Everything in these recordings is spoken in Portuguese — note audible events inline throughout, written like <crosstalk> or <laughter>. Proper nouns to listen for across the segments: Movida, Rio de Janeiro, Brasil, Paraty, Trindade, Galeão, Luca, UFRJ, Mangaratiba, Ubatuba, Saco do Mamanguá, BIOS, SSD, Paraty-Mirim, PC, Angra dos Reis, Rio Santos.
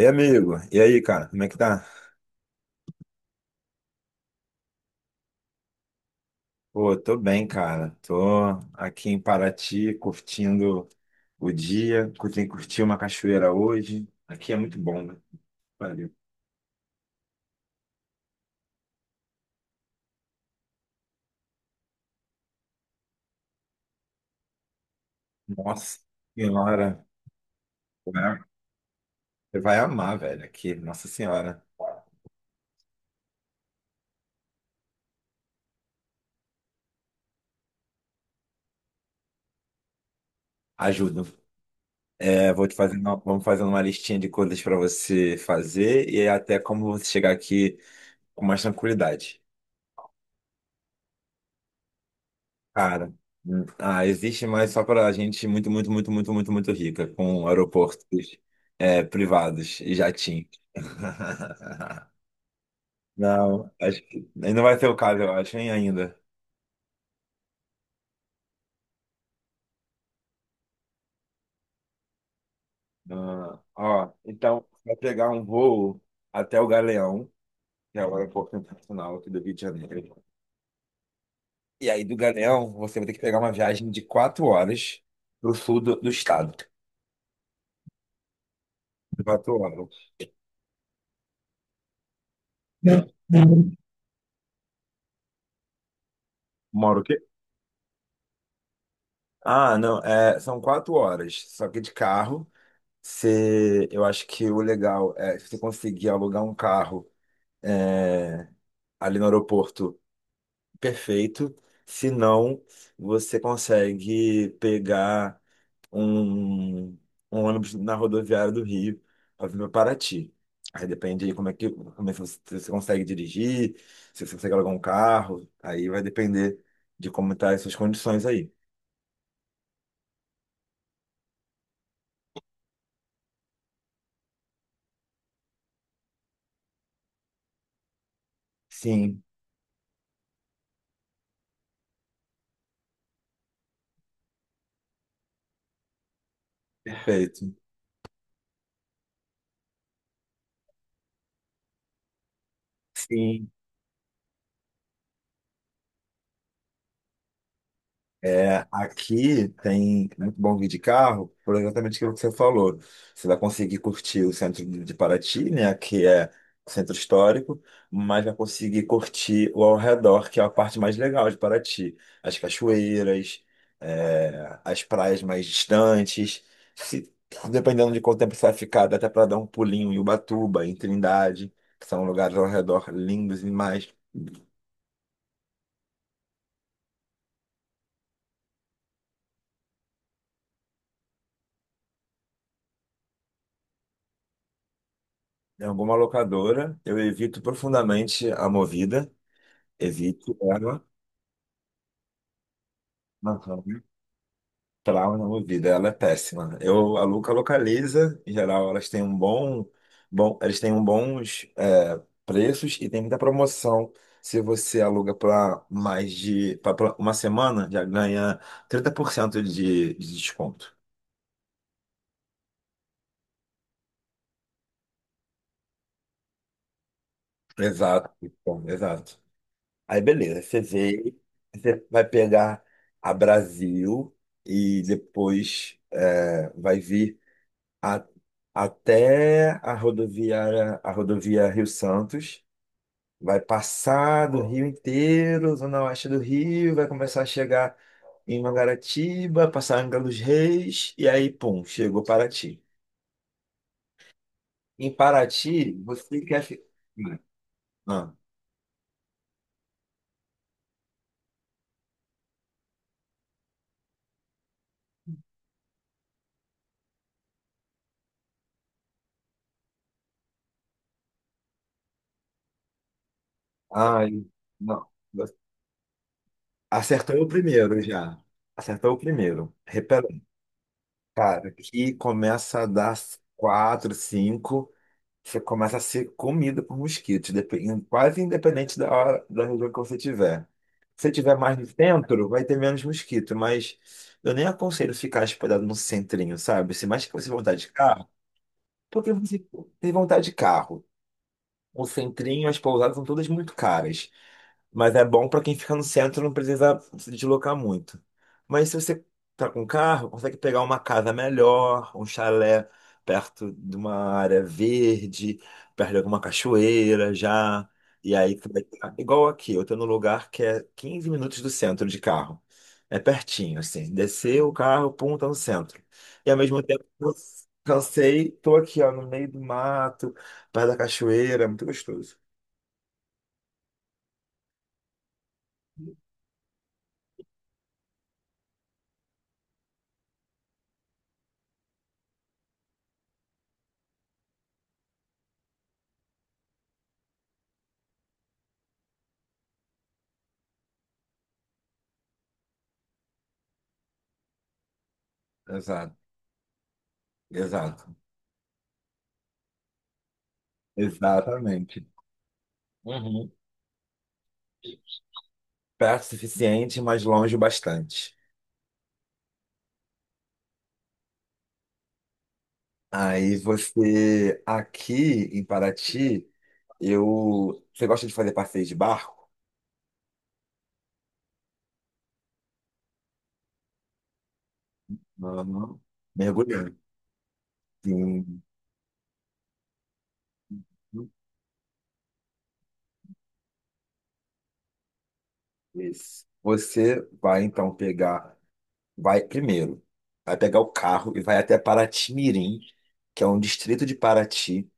E amigo, e aí, cara, como é que tá? Pô, tô bem, cara. Tô aqui em Paraty, curtindo o dia, curti uma cachoeira hoje. Aqui é muito bom, né? Valeu. Nossa senhora, né? Você vai amar, velho, aqui. Nossa senhora, ajuda. É, vou te fazer vamos fazendo uma listinha de coisas pra você fazer e até como você chegar aqui com mais tranquilidade. Cara, existe, mas só para gente muito, muito, muito, muito, muito, muito rica, com aeroportos privados e jatinho. <laughs> Não, acho que não vai ser o caso, eu acho, hein, ainda. Ah, ó, então, vai pegar um voo até o Galeão, que é o aeroporto internacional aqui do Rio de Janeiro. E aí, do Galeão, você vai ter que pegar uma viagem de quatro horas para o sul do estado. Quatro horas. Moro Ah, não, são quatro horas, só que de carro. Se, Eu acho que o legal é se você conseguir alugar um carro, é, ali no aeroporto, perfeito. Se não, você consegue pegar um, um ônibus na rodoviária do Rio para vir para Paraty. Aí depende de como é que você, se você consegue dirigir, se você consegue alugar um carro, aí vai depender de como tá as suas condições aí. Sim, perfeito. Sim. É, aqui tem muito bom guia de carro, por exatamente aquilo que você falou. Você vai conseguir curtir o centro de Paraty, né, que é centro histórico, mas vai conseguir curtir o ao redor, que é a parte mais legal de Paraty. As cachoeiras, as praias mais distantes. Se, Dependendo de quanto tempo você vai ficar, dá até para dar um pulinho em Ubatuba, em Trindade, que são lugares ao redor lindos demais. Em alguma locadora, eu evito profundamente a Movida. Evite ela, aham, trauma na vida, ela é péssima. Eu, a Luca localiza, em geral elas têm um eles têm um bons preços e tem muita promoção. Se você aluga para mais de pra uma semana, já ganha 30% de desconto. Exato, bom, exato. Aí beleza, você vê, você vai pegar a Brasil e depois vai vir. a- até a rodovia Rio Santos, vai passar do Rio inteiro, zona oeste do Rio, vai começar a chegar em Mangaratiba, passar em Angra dos Reis, e aí, pum, chegou Paraty. Em Paraty, você quer ficar. Ah, ai, não. Acertou o primeiro já. Acertou o primeiro. Repelente. Cara, que começa a dar quatro, cinco. Você começa a ser comida por mosquitos, quase independente da hora, da região que você tiver. Se você tiver mais no centro, vai ter menos mosquito, mas eu nem aconselho ficar hospedado no centrinho, sabe? Se mais que você vontade de carro, porque você tem vontade de carro. O centrinho, as pousadas são todas muito caras. Mas é bom para quem fica no centro, não precisa se deslocar muito. Mas se você tá com carro, consegue pegar uma casa melhor, um chalé perto de uma área verde, perto de alguma cachoeira já. E aí tu vai tá igual aqui, eu tô num lugar que é 15 minutos do centro de carro. É pertinho, assim. Descer o carro, pum, tá no centro. E ao mesmo tempo, eu cansei, tô aqui, ó, no meio do mato, perto da cachoeira, é muito gostoso. Exato, exato, exatamente. Uhum. Perto o suficiente, mas longe o bastante. Aí você, aqui em Paraty, eu. Você gosta de fazer passeio de barco? Não, não. Mergulhando. Sim. Isso. Você vai então pegar, vai primeiro, vai pegar o carro e vai até Paraty-Mirim, que é um distrito de Paraty,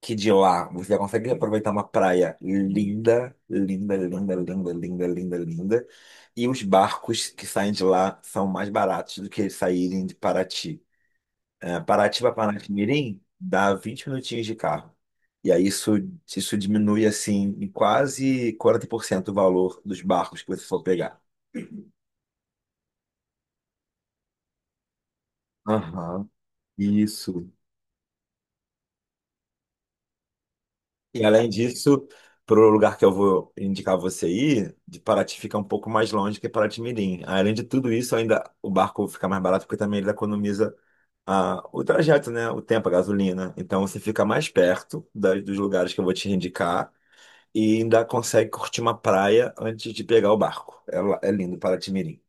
que de lá você já consegue aproveitar uma praia linda, linda, linda, linda, linda, linda, linda. E os barcos que saem de lá são mais baratos do que eles saírem de Paraty. É, Paraty para Paraty-Mirim dá 20 minutinhos de carro. E aí isso diminui assim em quase 40% o valor dos barcos que você for pegar. Aham, isso. E além disso, para o lugar que eu vou indicar você ir, de Paraty fica um pouco mais longe que Paraty-Mirim. Além de tudo isso, ainda o barco fica mais barato porque também ele economiza o trajeto, né? O tempo, a gasolina. Então você fica mais perto dos lugares que eu vou te indicar e ainda consegue curtir uma praia antes de pegar o barco. É lindo Paraty-Mirim.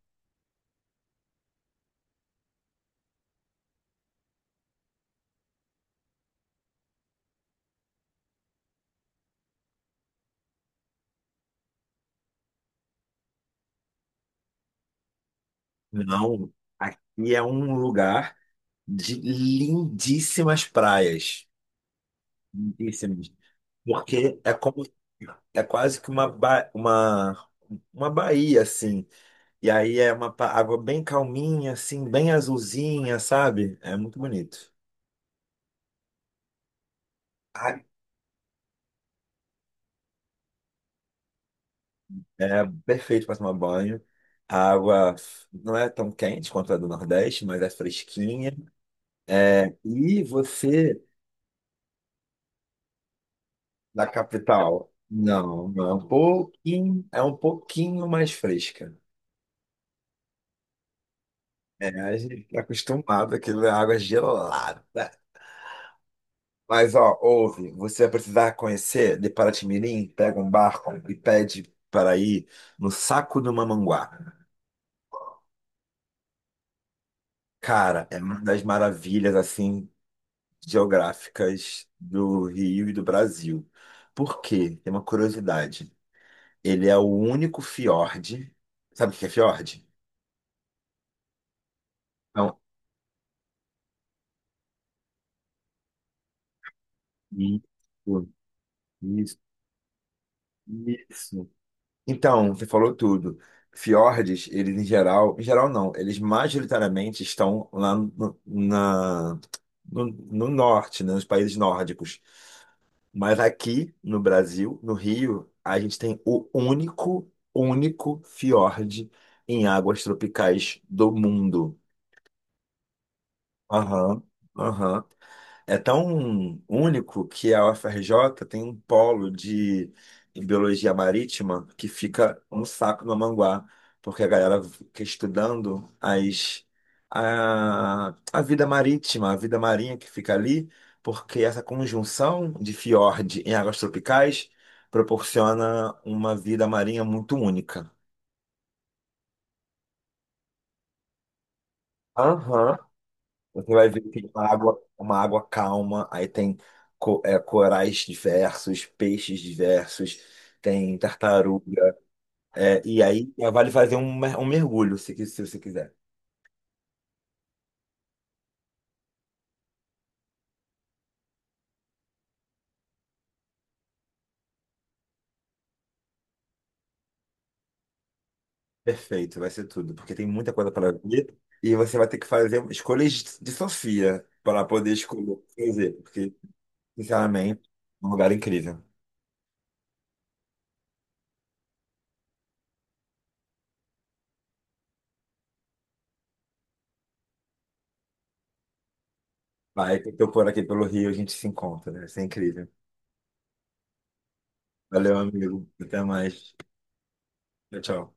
Não, aqui é um lugar de lindíssimas praias. Muitíssimos. Porque é como é quase que uma baía, assim. E aí é água bem calminha, assim, bem azulzinha, sabe? É muito bonito. A- É perfeito para tomar banho. A água não é tão quente quanto a do Nordeste, mas é fresquinha. É, e você, da capital? Não, não, é um pouquinho mais fresca. É, a gente está acostumado, aquilo é água gelada. Mas, ó, ouve, você vai precisar conhecer de Paraty-Mirim, pega um barco e pede para ir no Saco do Mamanguá. Cara, é uma das maravilhas, assim, geográficas do Rio e do Brasil. Por quê? Tem uma curiosidade. Ele é o único fiord. Sabe o que é fiord? Não. Isso, isso, isso. Então, você falou tudo. Fiordes, eles em geral não, eles majoritariamente estão lá no, na, no, no norte, né, nos países nórdicos. Mas aqui no Brasil, no Rio, a gente tem o único, único fiord em águas tropicais do mundo. Aham, aham. É tão único que a UFRJ tem um polo de em biologia marítima que fica um saco no Manguá, porque a galera fica estudando a vida marítima, a vida marinha que fica ali, porque essa conjunção de fiord em águas tropicais proporciona uma vida marinha muito única. Aham. Você vai ver que tem uma água calma, aí tem corais diversos, peixes diversos, tem tartaruga. É, e aí vale fazer um mergulho, se você quiser. Perfeito, vai ser tudo, porque tem muita coisa para ver. E você vai ter que fazer escolhas de Sofia para poder escolher o que fazer, porque, sinceramente, é um lugar incrível. Vai que eu tô por aqui pelo Rio, a gente se encontra, né? Isso é incrível. Valeu, amigo. Até mais. Tchau, tchau.